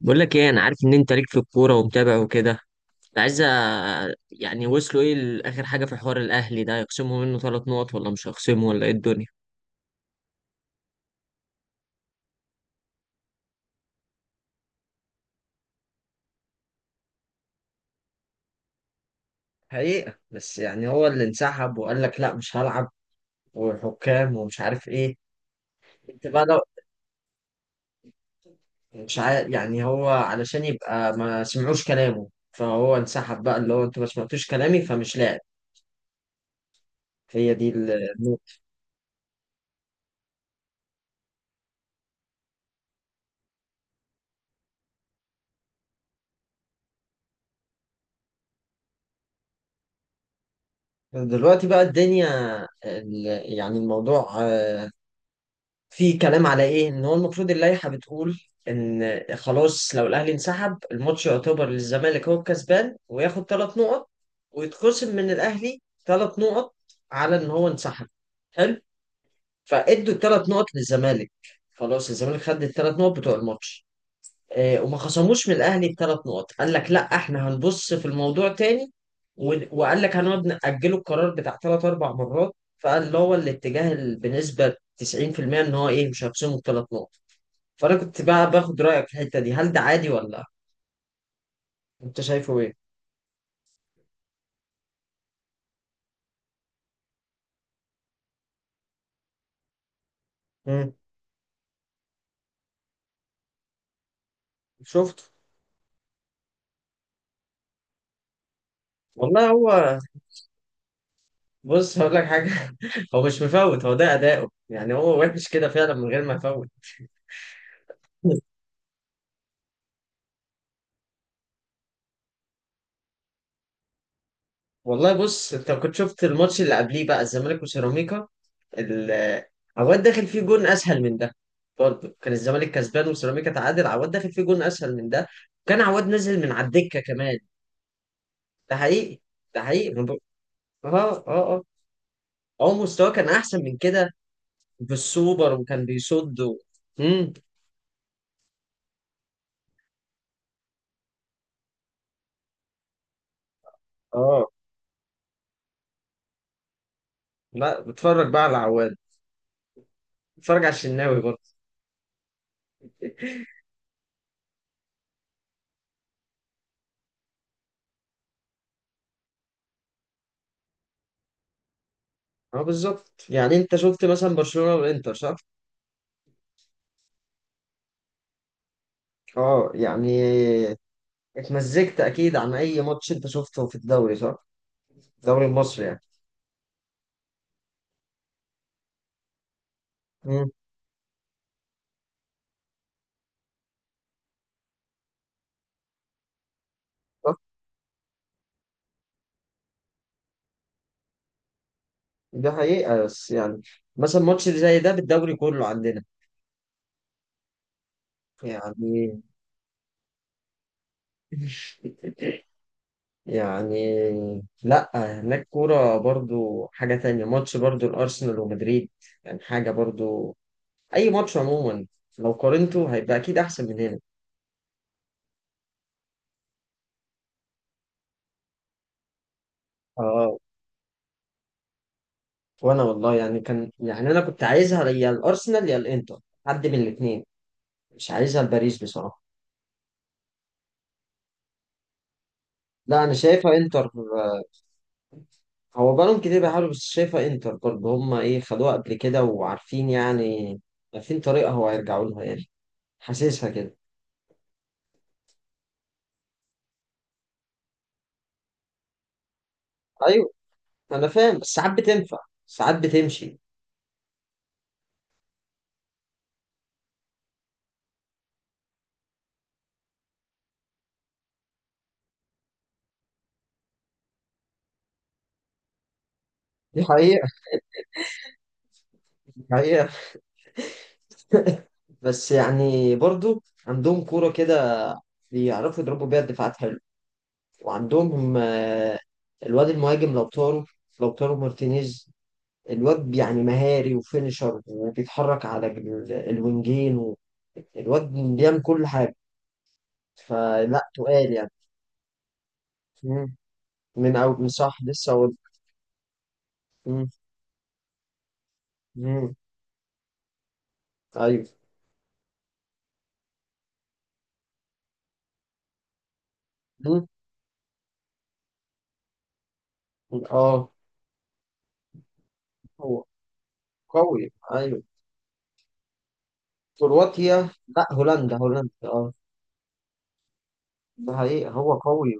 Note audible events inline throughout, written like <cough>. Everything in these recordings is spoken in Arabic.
بقول لك ايه، انا عارف ان انت ليك في الكوره ومتابع وكده. كنت عايز يعني وصلوا ايه لاخر حاجه في حوار الاهلي ده، يخصموا منه ثلاث نقط ولا مش هيخصموا ولا ايه الدنيا؟ حقيقة بس يعني هو اللي انسحب وقال لك لا مش هلعب، وحكام ومش عارف ايه. انت بقى لو مش عارف، يعني هو علشان يبقى ما سمعوش كلامه فهو انسحب، بقى اللي هو انتوا ما سمعتوش كلامي فمش لاعب. هي دي ال- النقطة دلوقتي بقى الدنيا، ال- يعني الموضوع في كلام على ايه، ان هو المفروض اللائحه بتقول ان خلاص لو الاهلي انسحب الماتش يعتبر للزمالك، هو الكسبان وياخد ثلاث نقط ويتخصم من الاهلي ثلاث نقط على ان هو انسحب. حلو. فادوا الثلاث نقط للزمالك. خلاص الزمالك خد الثلاث نقط بتوع الماتش. آه، وما خصموش من الاهلي بثلاث نقط. قال لك لا احنا هنبص في الموضوع تاني. وقال لك هنقعد نأجله القرار بتاع ثلاث اربع مرات. فقال اللي هو الاتجاه بنسبة 90% ان هو ايه مش هيخصمه الثلاث نقط. فانا كنت بقى باخد رأيك في الحتة دي، هل ده عادي ولا انت شايفه ايه؟ مم. شفته. والله هو، بص هقول لك حاجة. <laughs> هو مش مفوت، هو ده أداؤه يعني، هو وحش كده فعلا من غير ما يفوت. والله بص، انت كنت شفت الماتش اللي قبليه بقى الزمالك وسيراميكا؟ ال- عواد داخل فيه جون اسهل من ده. برضه كان الزمالك كسبان وسيراميكا تعادل، عواد داخل فيه جون اسهل من ده. كان عواد نازل من على الدكه كمان. ده حقيقي. ده حقيقي ما بق- اه اه اه هو مستواه كان احسن من كده بالسوبر وكان بيصد و... امم. اه لا، بتفرج بقى على عواد، بتفرج على الشناوي برضه. اه بالظبط، يعني انت شفت مثلا برشلونه والانتر صح؟ اه يعني اتمزجت اكيد عن اي ماتش انت شفته في الدوري صح؟ الدوري المصري يعني. امم. صح. ده حقيقة بس يعني مثلا ماتش زي ده بالدوري كله عندنا؟ يعني <laughs> يعني لا، هناك كورة برضو حاجة تانية، ماتش برضو الأرسنال ومدريد، يعني حاجة برضو. أي ماتش عموما لو قارنته هيبقى أكيد أحسن من هنا. اه، وأنا والله يعني كان، يعني أنا كنت عايزها يا الأرسنال يا الإنتر، حد من الاتنين. مش عايزها لباريس بصراحة. لا انا شايفها انتر. هو بقالهم كتير بيحاولوا، بس شايفها انتر برضه، هم ايه خدوها قبل كده وعارفين يعني، عارفين طريقة هو هيرجعوا لها يعني. حاسسها كده. ايوه، انا فاهم، بس ساعات بتنفع ساعات بتمشي. دي حقيقة. دي حقيقة بس يعني برضه عندهم كورة كده، بيعرفوا يضربوا بيها الدفاعات حلو. وعندهم آه، الواد المهاجم لو طاروا، لو طاروا مارتينيز، الواد يعني مهاري وفينشر، وبيتحرك على الوينجين و... الواد بيعمل كل حاجة، فلا تقال يعني. مم. من صح لسه أقول. مم. مم. أيوه. مم. أه، هو قوي أيوه. كرواتيا. لا، هولندا هولندا أه. ده حقيقة هو قوي.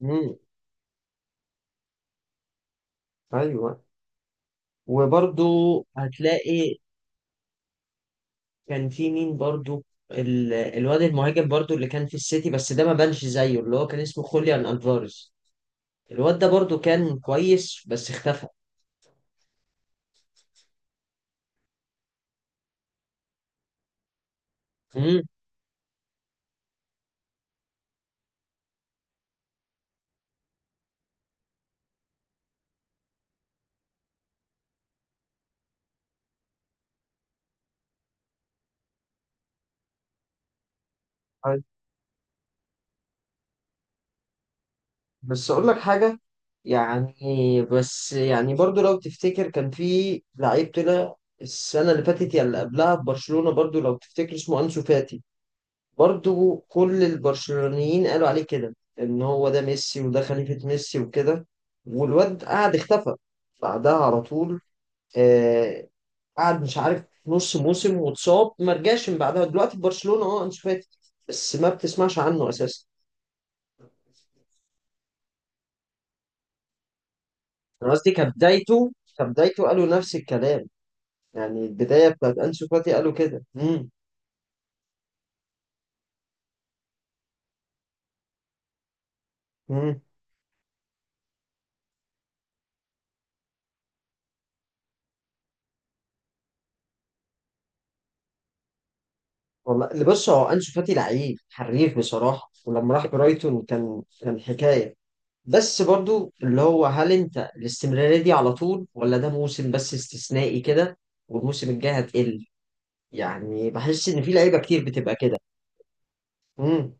مم. أيوه. وبرضو هتلاقي، كان في مين برضو، الواد المهاجم برضو اللي كان في السيتي، بس ده ما بانش زيه، اللي هو كان اسمه خوليان ألفاريز. الواد ده برضو كان كويس بس اختفى. مم. أيوة. بس اقول لك حاجه يعني، بس يعني برضو لو تفتكر، كان في لعيب طلع السنه اللي فاتت يا اللي قبلها في برشلونه، برضو لو تفتكر اسمه انسو فاتي. برضو كل البرشلونيين قالوا عليه كده ان هو ده ميسي، وده خليفه ميسي وكده. والواد قعد اختفى بعدها على طول. آه، قعد مش عارف نص موسم واتصاب، ما رجعش من بعدها. دلوقتي في برشلونة اه انشو فاتي، بس ما بتسمعش عنه اساسا. انا قصدي كبدايته، كبدايته قالوا نفس الكلام. يعني البداية بتاعت انشو فاتي قالوا كده. امم والله اللي بص، هو انشو فاتي لعيب حريف بصراحة، ولما راح برايتون كان، كان حكاية. بس برضو اللي هو هل انت الاستمرارية دي على طول، ولا ده موسم بس استثنائي كده، والموسم الجاي هتقل. يعني بحس ان في لعيبة كتير بتبقى كده. امم.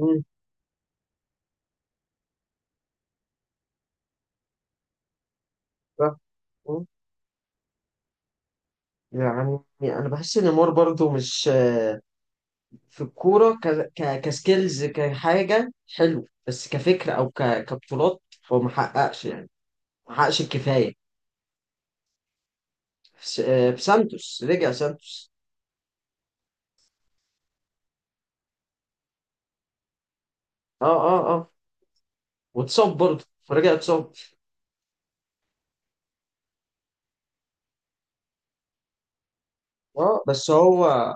امم. يعني انا بحس ان مور برضو مش في الكوره كسكيلز كحاجه حلو، بس كفكره او كبطولات هو ما حققش يعني، ما حققش الكفايه. في, س... آه، في سانتوس، رجع سانتوس. اه اه اه. واتصاب برضه، فرجع اتصاب. اه بس هو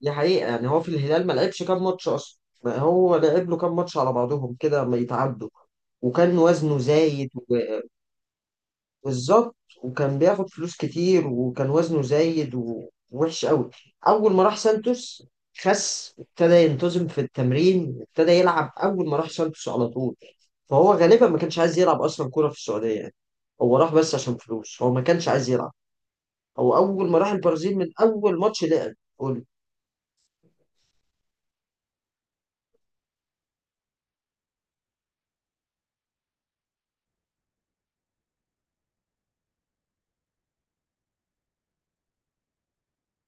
دي حقيقه يعني، هو في الهلال ما لعبش كام ماتش اصلا. ما هو لعب له كام ماتش على بعضهم كده ما يتعدوا، وكان وزنه زايد. بالظبط. وكان بياخد فلوس كتير، وكان وزنه زايد، ووحش قوي. اول ما راح سانتوس خس، ابتدى ينتظم في التمرين، ابتدى يلعب اول ما راح سانتوس على طول. فهو غالبا ما كانش عايز يلعب اصلا كوره في السعوديه يعني. هو راح بس عشان فلوس، هو ما كانش عايز يلعب. هو اول ما راح البرازيل من اول ماتش لعب قول.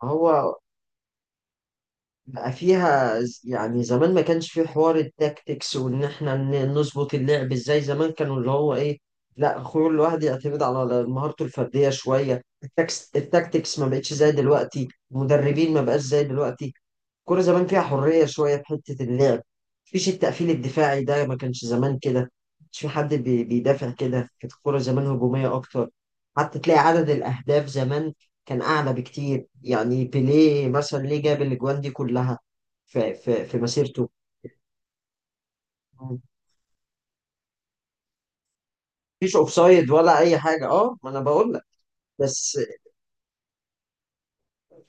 هو بقى فيها يعني زمان ما كانش فيه حوار التاكتكس، وان احنا نظبط اللعب ازاي. زمان كانوا اللي هو ايه، لا خلو الواحد يعتمد على مهارته الفرديه شويه، التاكتكس ما بقتش زي دلوقتي، المدربين ما بقاش زي دلوقتي. الكورة زمان فيها حرية شوية في حتة اللعب. مفيش التقفيل الدفاعي ده، ما كانش زمان كده. مش في حد بيدافع كده، كانت الكورة زمان هجومية أكتر. حتى تلاقي عدد الأهداف زمان كان أعلى بكتير، يعني بيليه مثلا ليه جاب الأجوان دي كلها في, مسيرته مفيش أوفسايد ولا أي حاجة، أه ما أنا بقول لك. بس،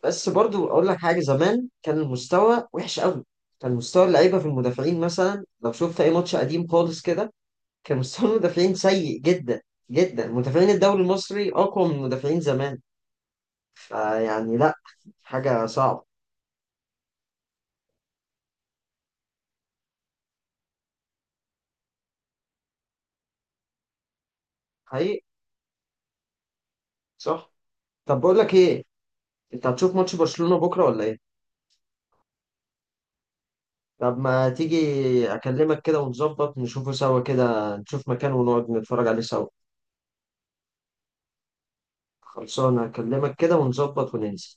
بس برضو أقول لك حاجة، زمان كان المستوى وحش قوي. كان مستوى اللعيبة في المدافعين مثلا، لو شفت أي ماتش قديم خالص كده، كان مستوى المدافعين سيء جدا جدا. مدافعين الدوري المصري اقوى من مدافعين زمان. فيعني لا، حاجه صعبه. حقيقي. صح. طب بقول لك ايه، انت هتشوف ماتش برشلونه بكره ولا ايه؟ طب ما تيجي اكلمك كده ونظبط، نشوفه سوا كده، نشوف مكان ونقعد نتفرج عليه سوا. خلصانه، اكلمك كده ونظبط وننزل.